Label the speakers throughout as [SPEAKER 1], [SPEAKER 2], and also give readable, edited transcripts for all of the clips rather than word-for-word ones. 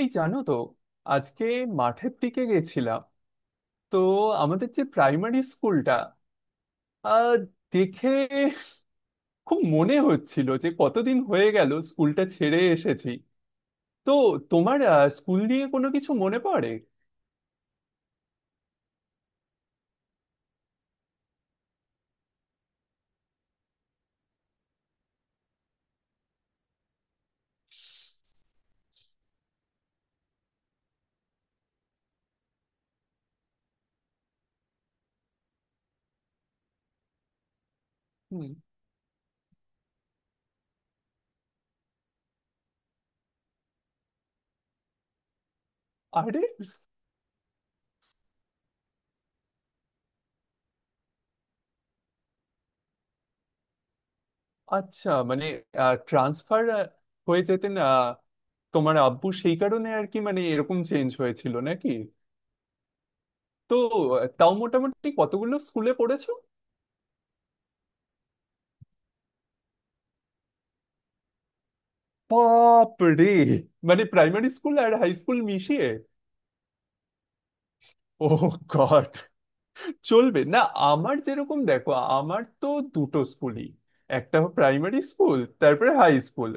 [SPEAKER 1] এই জানো তো। আজকে মাঠের দিকে গেছিলাম। তো আমাদের যে প্রাইমারি স্কুলটা, আহ দেখে খুব মনে হচ্ছিল যে কতদিন হয়ে গেল স্কুলটা ছেড়ে এসেছি। তো তোমার স্কুল নিয়ে কোনো কিছু মনে পড়ে? হুম। আরে, আচ্ছা, মানে ট্রান্সফার হয়ে যেতেন তোমার আব্বু সেই কারণে আর কি, মানে এরকম চেঞ্জ হয়েছিল নাকি? তো তাও মোটামুটি কতগুলো স্কুলে পড়েছো? বাপ রে! মানে প্রাইমারি স্কুল আর হাই স্কুল মিশিয়ে। ও গড, চলবে না। আমার যেরকম দেখো, আমার তো দুটো স্কুলই, একটা প্রাইমারি স্কুল তারপরে হাই স্কুল।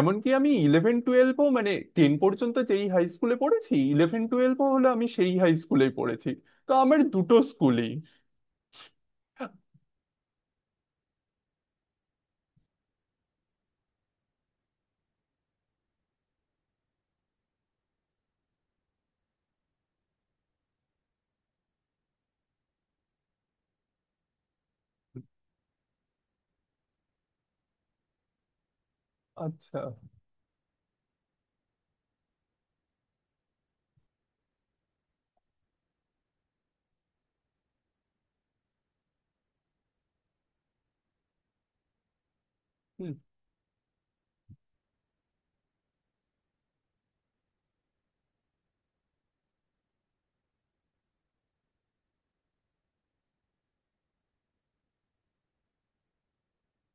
[SPEAKER 1] এমনকি আমি ইলেভেন টুয়েলভও মানে টেন পর্যন্ত যেই হাই স্কুলে পড়েছি, ইলেভেন টুয়েলভও হলো আমি সেই হাই স্কুলেই পড়েছি। তো আমার দুটো স্কুলই। আচ্ছা। হুম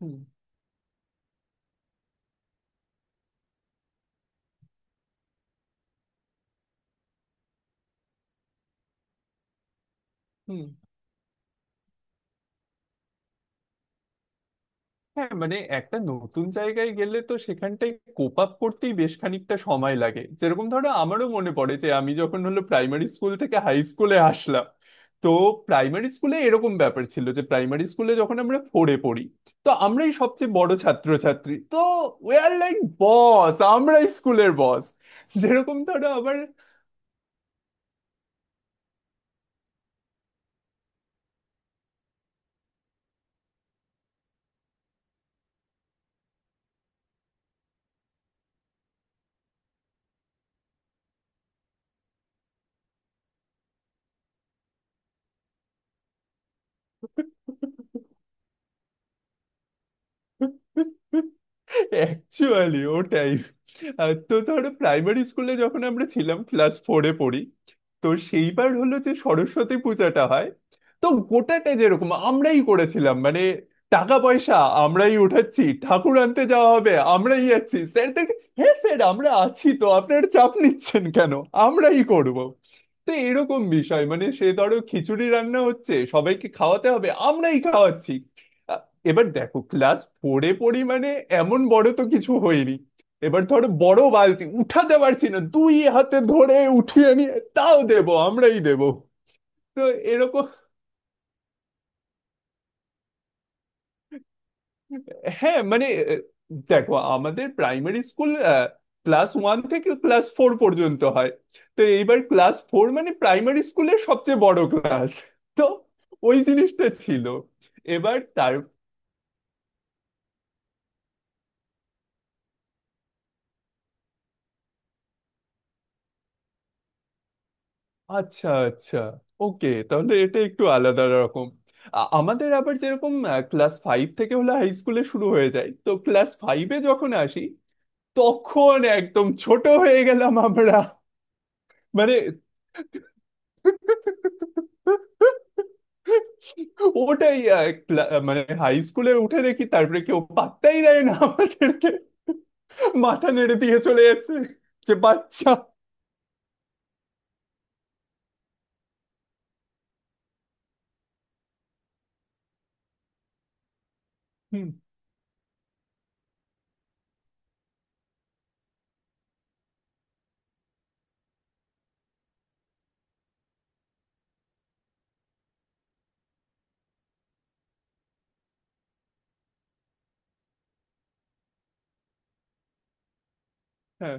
[SPEAKER 1] হুম হুম। হ্যাঁ মানে একটা নতুন জায়গায় গেলে তো সেখানটায় কোপ আপ করতেই বেশ খানিকটা সময় লাগে। যেরকম ধরো, আমারও মনে পড়ে যে আমি যখন হলো প্রাইমারি স্কুল থেকে হাই স্কুলে আসলাম, তো প্রাইমারি স্কুলে এরকম ব্যাপার ছিল যে প্রাইমারি স্কুলে যখন আমরা ফোরে পড়ি, তো আমরাই সবচেয়ে বড় ছাত্রছাত্রী। তো উই আর লাইক বস, আমরা স্কুলের বস। যেরকম ধরো আবার, অ্যাকচুয়ালি ওটাই। তো ধরো প্রাইমারি স্কুলে যখন আমরা ছিলাম ক্লাস ফোরে পড়ি, তো সেইবার হলো যে সরস্বতী পূজাটা হয়। তো গোটাটা যেরকম আমরাই করেছিলাম, মানে টাকা পয়সা আমরাই উঠাচ্ছি, ঠাকুর আনতে যাওয়া হবে আমরাই যাচ্ছি, স্যার দেখে, হ্যাঁ স্যার আমরা আছি তো, আপনার চাপ নিচ্ছেন কেন, আমরাই করব। তো এরকম বিষয়, মানে সে ধরো খিচুড়ি রান্না হচ্ছে, সবাইকে খাওয়াতে হবে, আমরাই খাওয়াচ্ছি। এবার দেখো, ক্লাস ফোরে পড়ি মানে এমন বড় তো কিছু হয়নি। এবার ধরো বড় বালতি উঠাতে পারছি না, দুই হাতে ধরে উঠিয়ে নিয়ে তাও দেব, আমরাই দেব। তো এরকম। হ্যাঁ মানে, আহ, দেখো আমাদের প্রাইমারি স্কুল ক্লাস ওয়ান থেকে ক্লাস ফোর পর্যন্ত হয়। তো এইবার ক্লাস ফোর মানে প্রাইমারি স্কুলের সবচেয়ে বড় ক্লাস। তো ওই জিনিসটা ছিল। এবার তার, আচ্ছা আচ্ছা, ওকে তাহলে এটা একটু আলাদা রকম। আমাদের আবার যেরকম ক্লাস ফাইভ থেকে হলে হাই স্কুলে শুরু হয়ে যায়, তো ক্লাস ফাইভে যখন আসি তখন একদম ছোট হয়ে গেলাম আমরা। মানে ওটাই মানে হাই স্কুলে উঠে দেখি তারপরে কেউ পাত্তাই দেয় না আমাদেরকে, মাথা নেড়ে দিয়ে চলে যাচ্ছে, যে বাচ্চা। হুম। হ্যাঁ।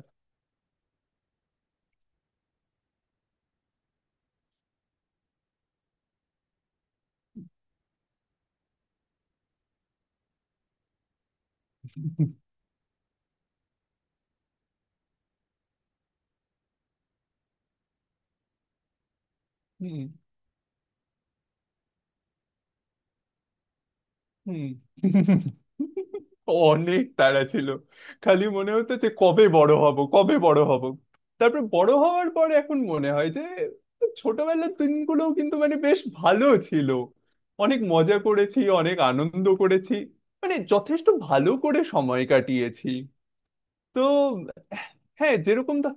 [SPEAKER 1] হুম হুম হুম। অনেক তাড়া ছিল, খালি মনে হতো যে কবে বড় হব কবে বড় হব। তারপর বড় হওয়ার পর এখন মনে হয় যে ছোটবেলার দিনগুলোও কিন্তু মানে বেশ ভালো ছিল, অনেক মজা করেছি অনেক আনন্দ করেছি, মানে যথেষ্ট ভালো করে সময় কাটিয়েছি। তো হ্যাঁ যেরকম ধর,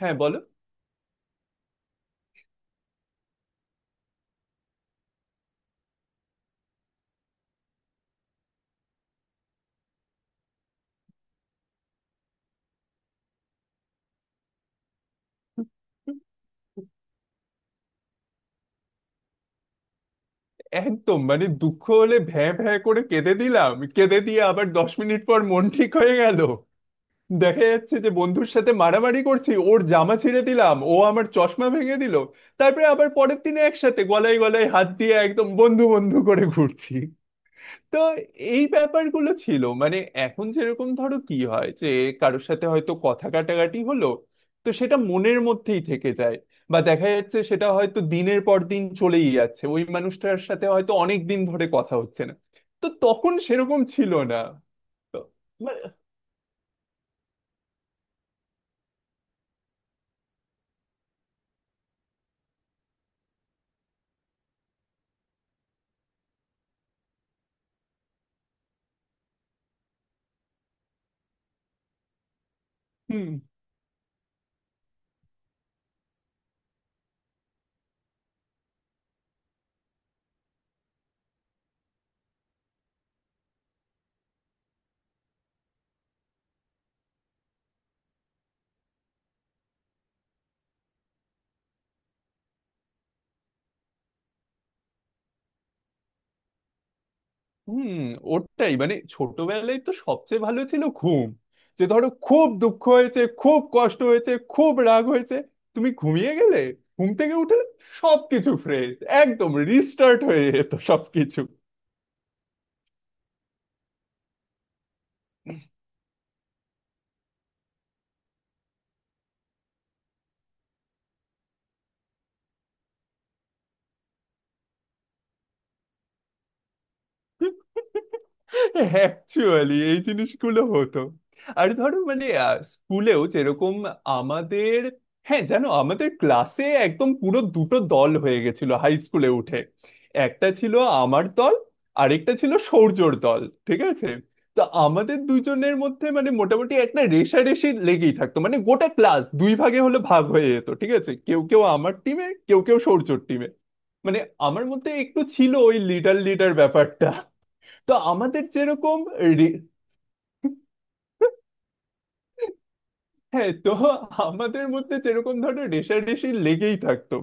[SPEAKER 1] হ্যাঁ বলো। একদম, মানে দুঃখ হলে ভ্যাঁ ভ্যাঁ করে কেঁদে দিলাম, কেঁদে দিয়ে আবার 10 মিনিট পর মন ঠিক হয়ে গেল। দেখা যাচ্ছে যে বন্ধুর সাথে মারামারি করছি, ওর জামা ছিঁড়ে দিলাম, ও আমার চশমা ভেঙে দিল, তারপরে আবার পরের দিনে একসাথে গলায় গলায় হাত দিয়ে একদম বন্ধু বন্ধু করে ঘুরছি। তো এই ব্যাপারগুলো ছিল মানে। এখন যেরকম ধরো কি হয় যে কারোর সাথে হয়তো কথা কাটাকাটি হলো, তো সেটা মনের মধ্যেই থেকে যায়, বা দেখা যাচ্ছে সেটা হয়তো দিনের পর দিন চলেই যাচ্ছে, ওই মানুষটার সাথে হয়তো অনেক দিন ধরে কথা হচ্ছে না। তো তখন সেরকম ছিল না। তো, মানে, হুম হুম। ওটাই, মানে ছোটবেলায় তো সবচেয়ে ভালো ছিল ঘুম। যে ধরো খুব দুঃখ হয়েছে, খুব কষ্ট হয়েছে, খুব রাগ হয়েছে, তুমি ঘুমিয়ে গেলে, ঘুম থেকে উঠে সবকিছু ফ্রেশ, একদম রিস্টার্ট হয়ে যেত সবকিছু। অ্যাকচুয়ালি এই জিনিসগুলো হতো। আর ধরো মানে স্কুলেও যেরকম আমাদের, হ্যাঁ জানো, আমাদের ক্লাসে একদম পুরো দুটো দল হয়ে গেছিল হাই স্কুলে উঠে। একটা ছিল আমার দল, আরেকটা ছিল সৌর্যর দল, ঠিক আছে? তো আমাদের দুজনের মধ্যে মানে মোটামুটি একটা রেষারেষি লেগেই থাকতো, মানে গোটা ক্লাস দুই ভাগে হলে ভাগ হয়ে যেত, ঠিক আছে, কেউ কেউ আমার টিমে কেউ কেউ সৌর্যর টিমে। মানে আমার মধ্যে একটু ছিল ওই লিডার লিডার ব্যাপারটা। তো আমাদের যেরকম রে- হ্যাঁ, তো আমাদের মধ্যে যেরকম ধরো রেষারেষি লেগেই থাকতো।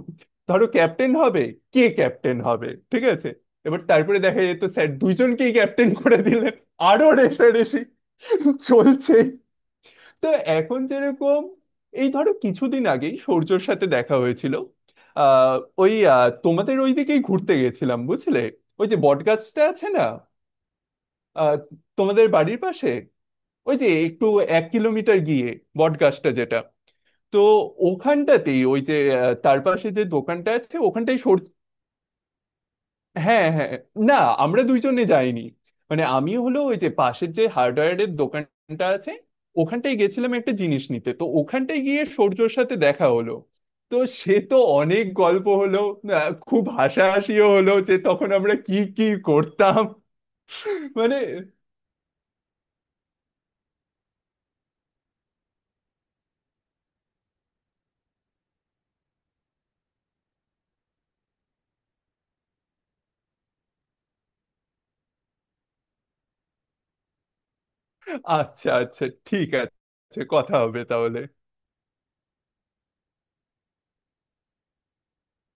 [SPEAKER 1] ধরো ক্যাপ্টেন হবে, কে ক্যাপ্টেন হবে, ঠিক আছে, এবার তারপরে দেখা যেত স্যার দুইজনকেই ক্যাপ্টেন করে দিলেন, আরো রেষারেষি চলছে। তো এখন যেরকম, এই ধরো কিছুদিন আগেই সূর্যর সাথে দেখা হয়েছিল। আহ ওই, তোমাদের ওইদিকেই ঘুরতে গেছিলাম, বুঝলে, ওই যে বটগাছটা আছে না, আহ, তোমাদের বাড়ির পাশে, ওই যে একটু 1 কিলোমিটার গিয়ে বটগাছটা যেটা, তো ওখানটাতেই, ওই যে তার পাশে যে দোকানটা আছে, ওখানটাই সর, হ্যাঁ হ্যাঁ। না আমরা দুইজনে যাইনি, মানে আমি হলো ওই যে পাশের যে হার্ডওয়্যারের দোকানটা আছে, ওখানটায় গেছিলাম একটা জিনিস নিতে, তো ওখানটায় গিয়ে সূর্যর সাথে দেখা হলো। তো সে তো অনেক গল্প হলো, খুব হাসাহাসিও হলো যে তখন আমরা কি কি করতাম, মানে। আচ্ছা আচ্ছা ঠিক আছে, কথা হবে তাহলে।